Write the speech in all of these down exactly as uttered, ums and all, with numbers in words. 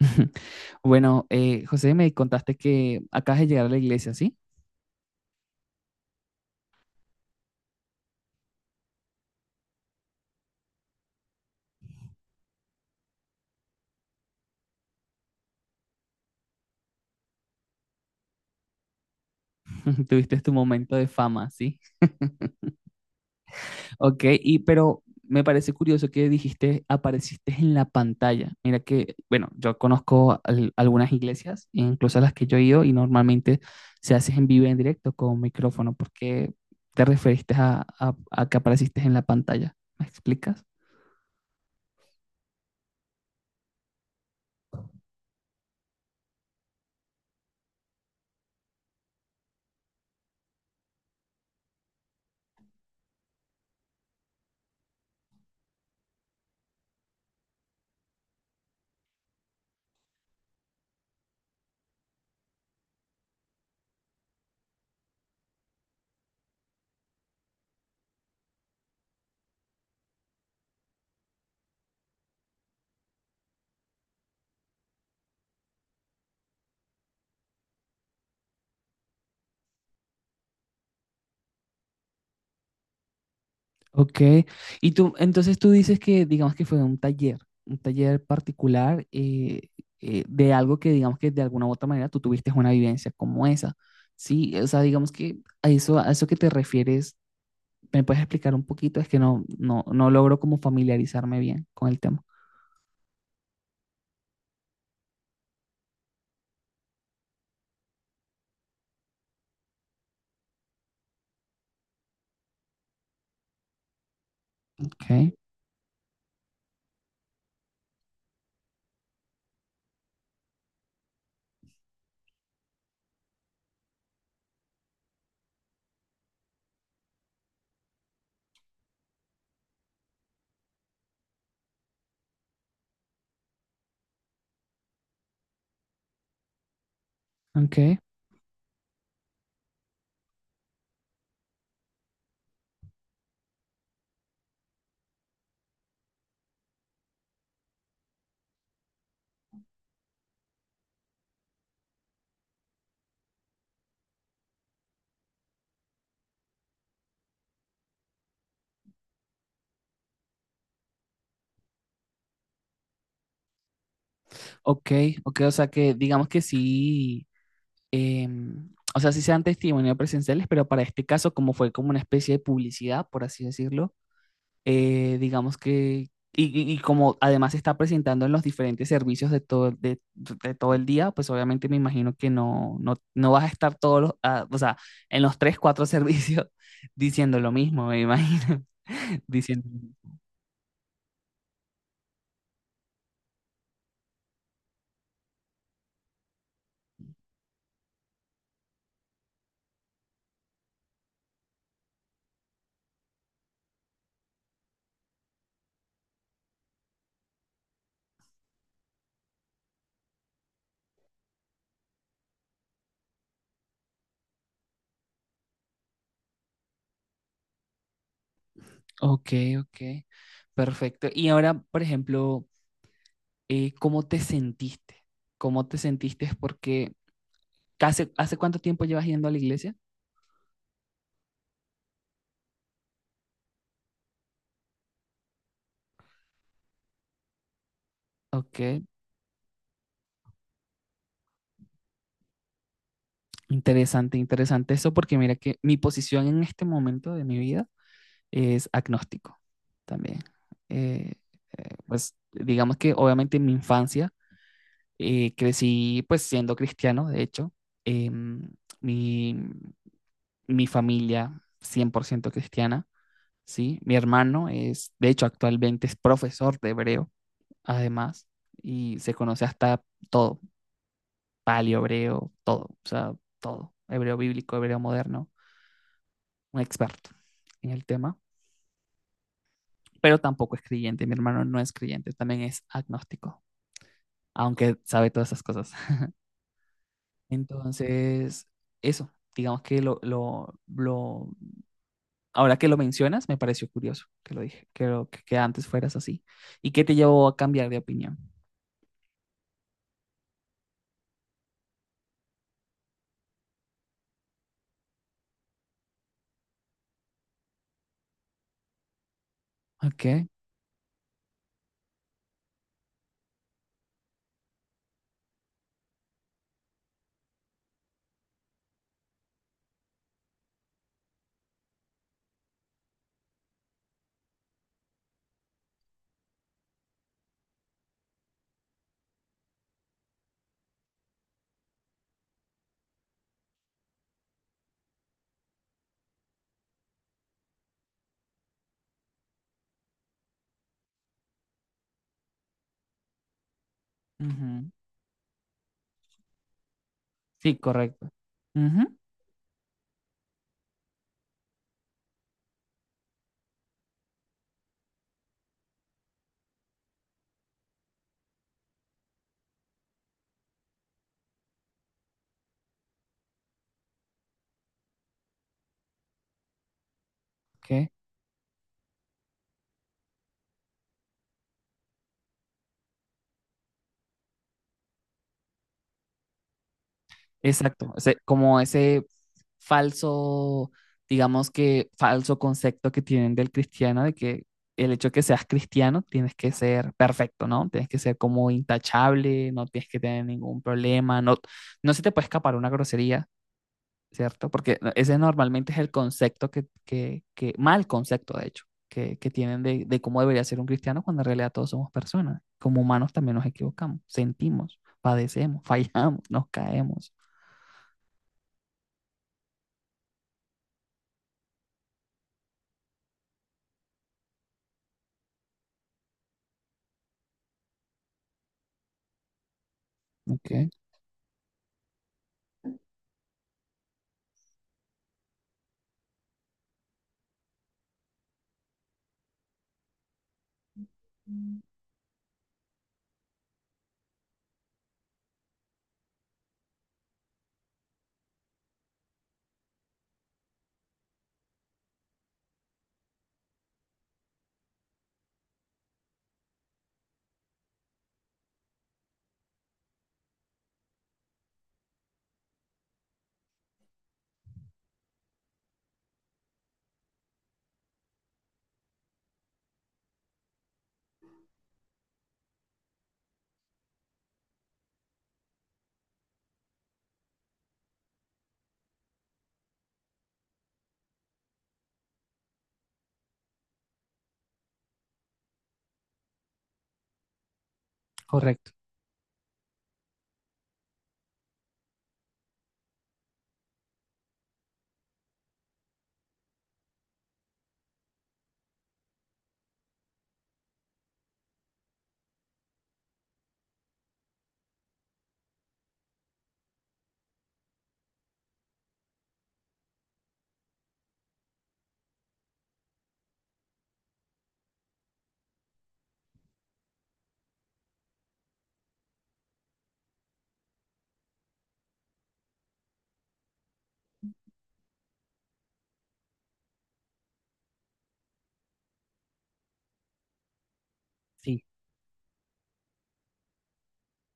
Bueno, eh, José, me contaste que acabas de llegar a la iglesia, ¿sí? Tuviste tu momento de fama, ¿sí? Ok, y pero me parece curioso que dijiste, apareciste en la pantalla. Mira que, bueno, yo conozco al- algunas iglesias, incluso a las que yo he ido, y normalmente se hace en vivo y en directo con micrófono. ¿Por qué te referiste a, a a que apareciste en la pantalla? ¿Me explicas? Ok, y tú, entonces tú dices que digamos que fue un taller, un taller particular eh, eh, de algo que digamos que de alguna u otra manera tú tuviste una vivencia como esa, ¿sí? O sea, digamos que a eso, a eso que te refieres, ¿me puedes explicar un poquito? Es que no, no, no logro como familiarizarme bien con el tema. Ok, ok, ok, ok, o sea que digamos que sí, em, o sea, sí sean testimonios presenciales, pero para este caso como fue como una especie de publicidad, por así decirlo eh, digamos que, y, y- y como además se está presentando en los diferentes servicios de todo, de, de todo el día, pues obviamente me imagino que no, no, no vas a estar todos los, ah, o sea, en los tres, cuatro servicios diciendo lo mismo, me imagino, diciendo, ok, ok, perfecto. Y ahora, por ejemplo, eh, ¿cómo te sentiste? ¿Cómo te sentiste? Porque, ¿hace, hace cuánto tiempo llevas yendo a la iglesia? Ok. Interesante, interesante eso, porque mira que mi posición en este momento de mi vida es agnóstico también. Eh, eh, pues digamos que obviamente en mi infancia eh, crecí pues siendo cristiano, de hecho, em, mi, mi familia cien por ciento cristiana, ¿sí? Mi hermano es, de hecho, actualmente es profesor de hebreo, además, y se conoce hasta todo, paleo hebreo, todo, o sea, todo, hebreo bíblico, hebreo moderno, un experto en el tema, pero tampoco es creyente. Mi hermano no es creyente, también es agnóstico, aunque sabe todas esas cosas. Entonces, eso, digamos que lo, lo, lo, ahora que lo mencionas, me pareció curioso que lo dije, que, lo- que, que antes fueras así. ¿Y qué te llevó a cambiar de opinión? Ok. Ujú. Sí, correcto. Ujú. Ok. Exacto, ese- como ese falso, digamos que falso concepto que tienen del cristiano, de que el hecho de que seas cristiano tienes que ser perfecto, ¿no? Tienes que ser como intachable, no tienes que tener ningún problema, no, no se te puede escapar una grosería, ¿cierto? Porque ese normalmente es el concepto que, que, que mal concepto, de hecho, que, que tienen de, de cómo debería ser un cristiano cuando en realidad todos somos personas. Como humanos también nos equivocamos, sentimos, padecemos, fallamos, nos caemos. Ok. Correcto, sí.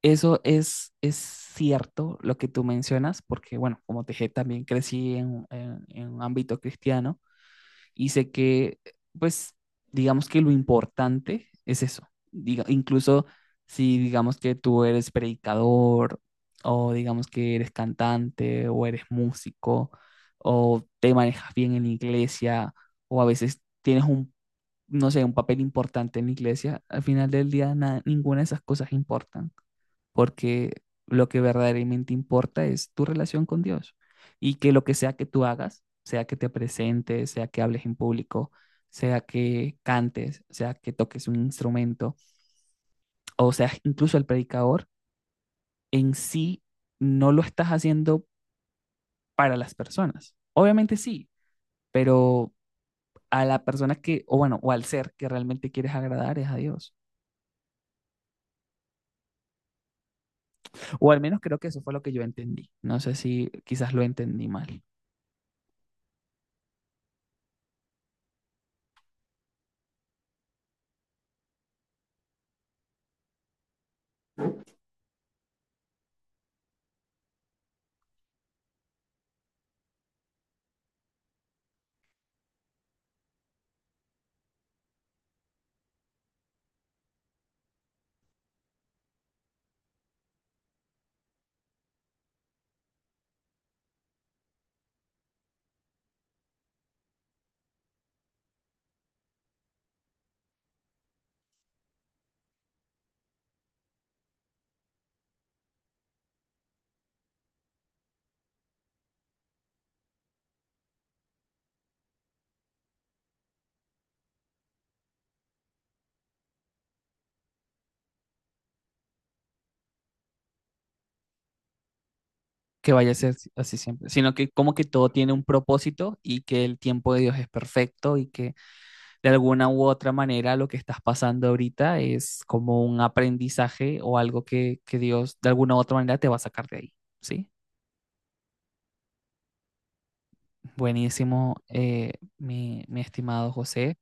Eso es, es cierto lo que tú mencionas, porque bueno, como te dije, también crecí en, en- en un ámbito cristiano y sé que, pues, digamos que lo importante es eso. Diga, incluso si digamos que tú eres predicador o digamos que eres cantante o eres músico o te manejas bien en la iglesia o a veces tienes un no sé, un papel importante en la iglesia, al final del día na- ninguna de esas cosas importan, porque lo que verdaderamente importa es tu relación con Dios y que lo que sea que tú hagas, sea que te presentes, sea que hables en público, sea que cantes, sea que toques un instrumento, o sea, incluso el predicador, en sí no lo estás haciendo para las personas. Obviamente sí, pero a la persona que, o bueno, o al ser que realmente quieres agradar es a Dios. O al menos creo que eso fue lo que yo entendí. No sé si quizás lo entendí mal, que vaya a ser si, así siempre, sino que como que todo tiene un propósito y que el tiempo de Dios es perfecto y que de alguna u otra manera lo que estás pasando ahorita es como un aprendizaje o algo que, que Dios de alguna u otra manera te va a sacar de ahí, ¿sí? Buenísimo, eh, mi, mi estimado José.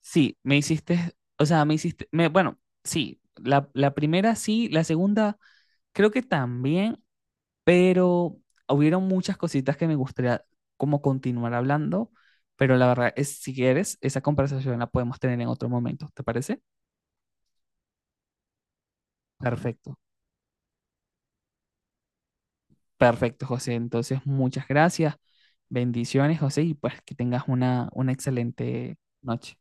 Sí, me hiciste, o sea, me hiciste, me, bueno, sí, la, la primera sí, la segunda creo que también, pero hubieron muchas cositas que me gustaría como continuar hablando, pero la verdad es, si quieres, esa conversación la podemos tener en otro momento, ¿te parece? Perfecto, perfecto, José. Entonces, muchas gracias, bendiciones, José, y pues que tengas una, una excelente noche.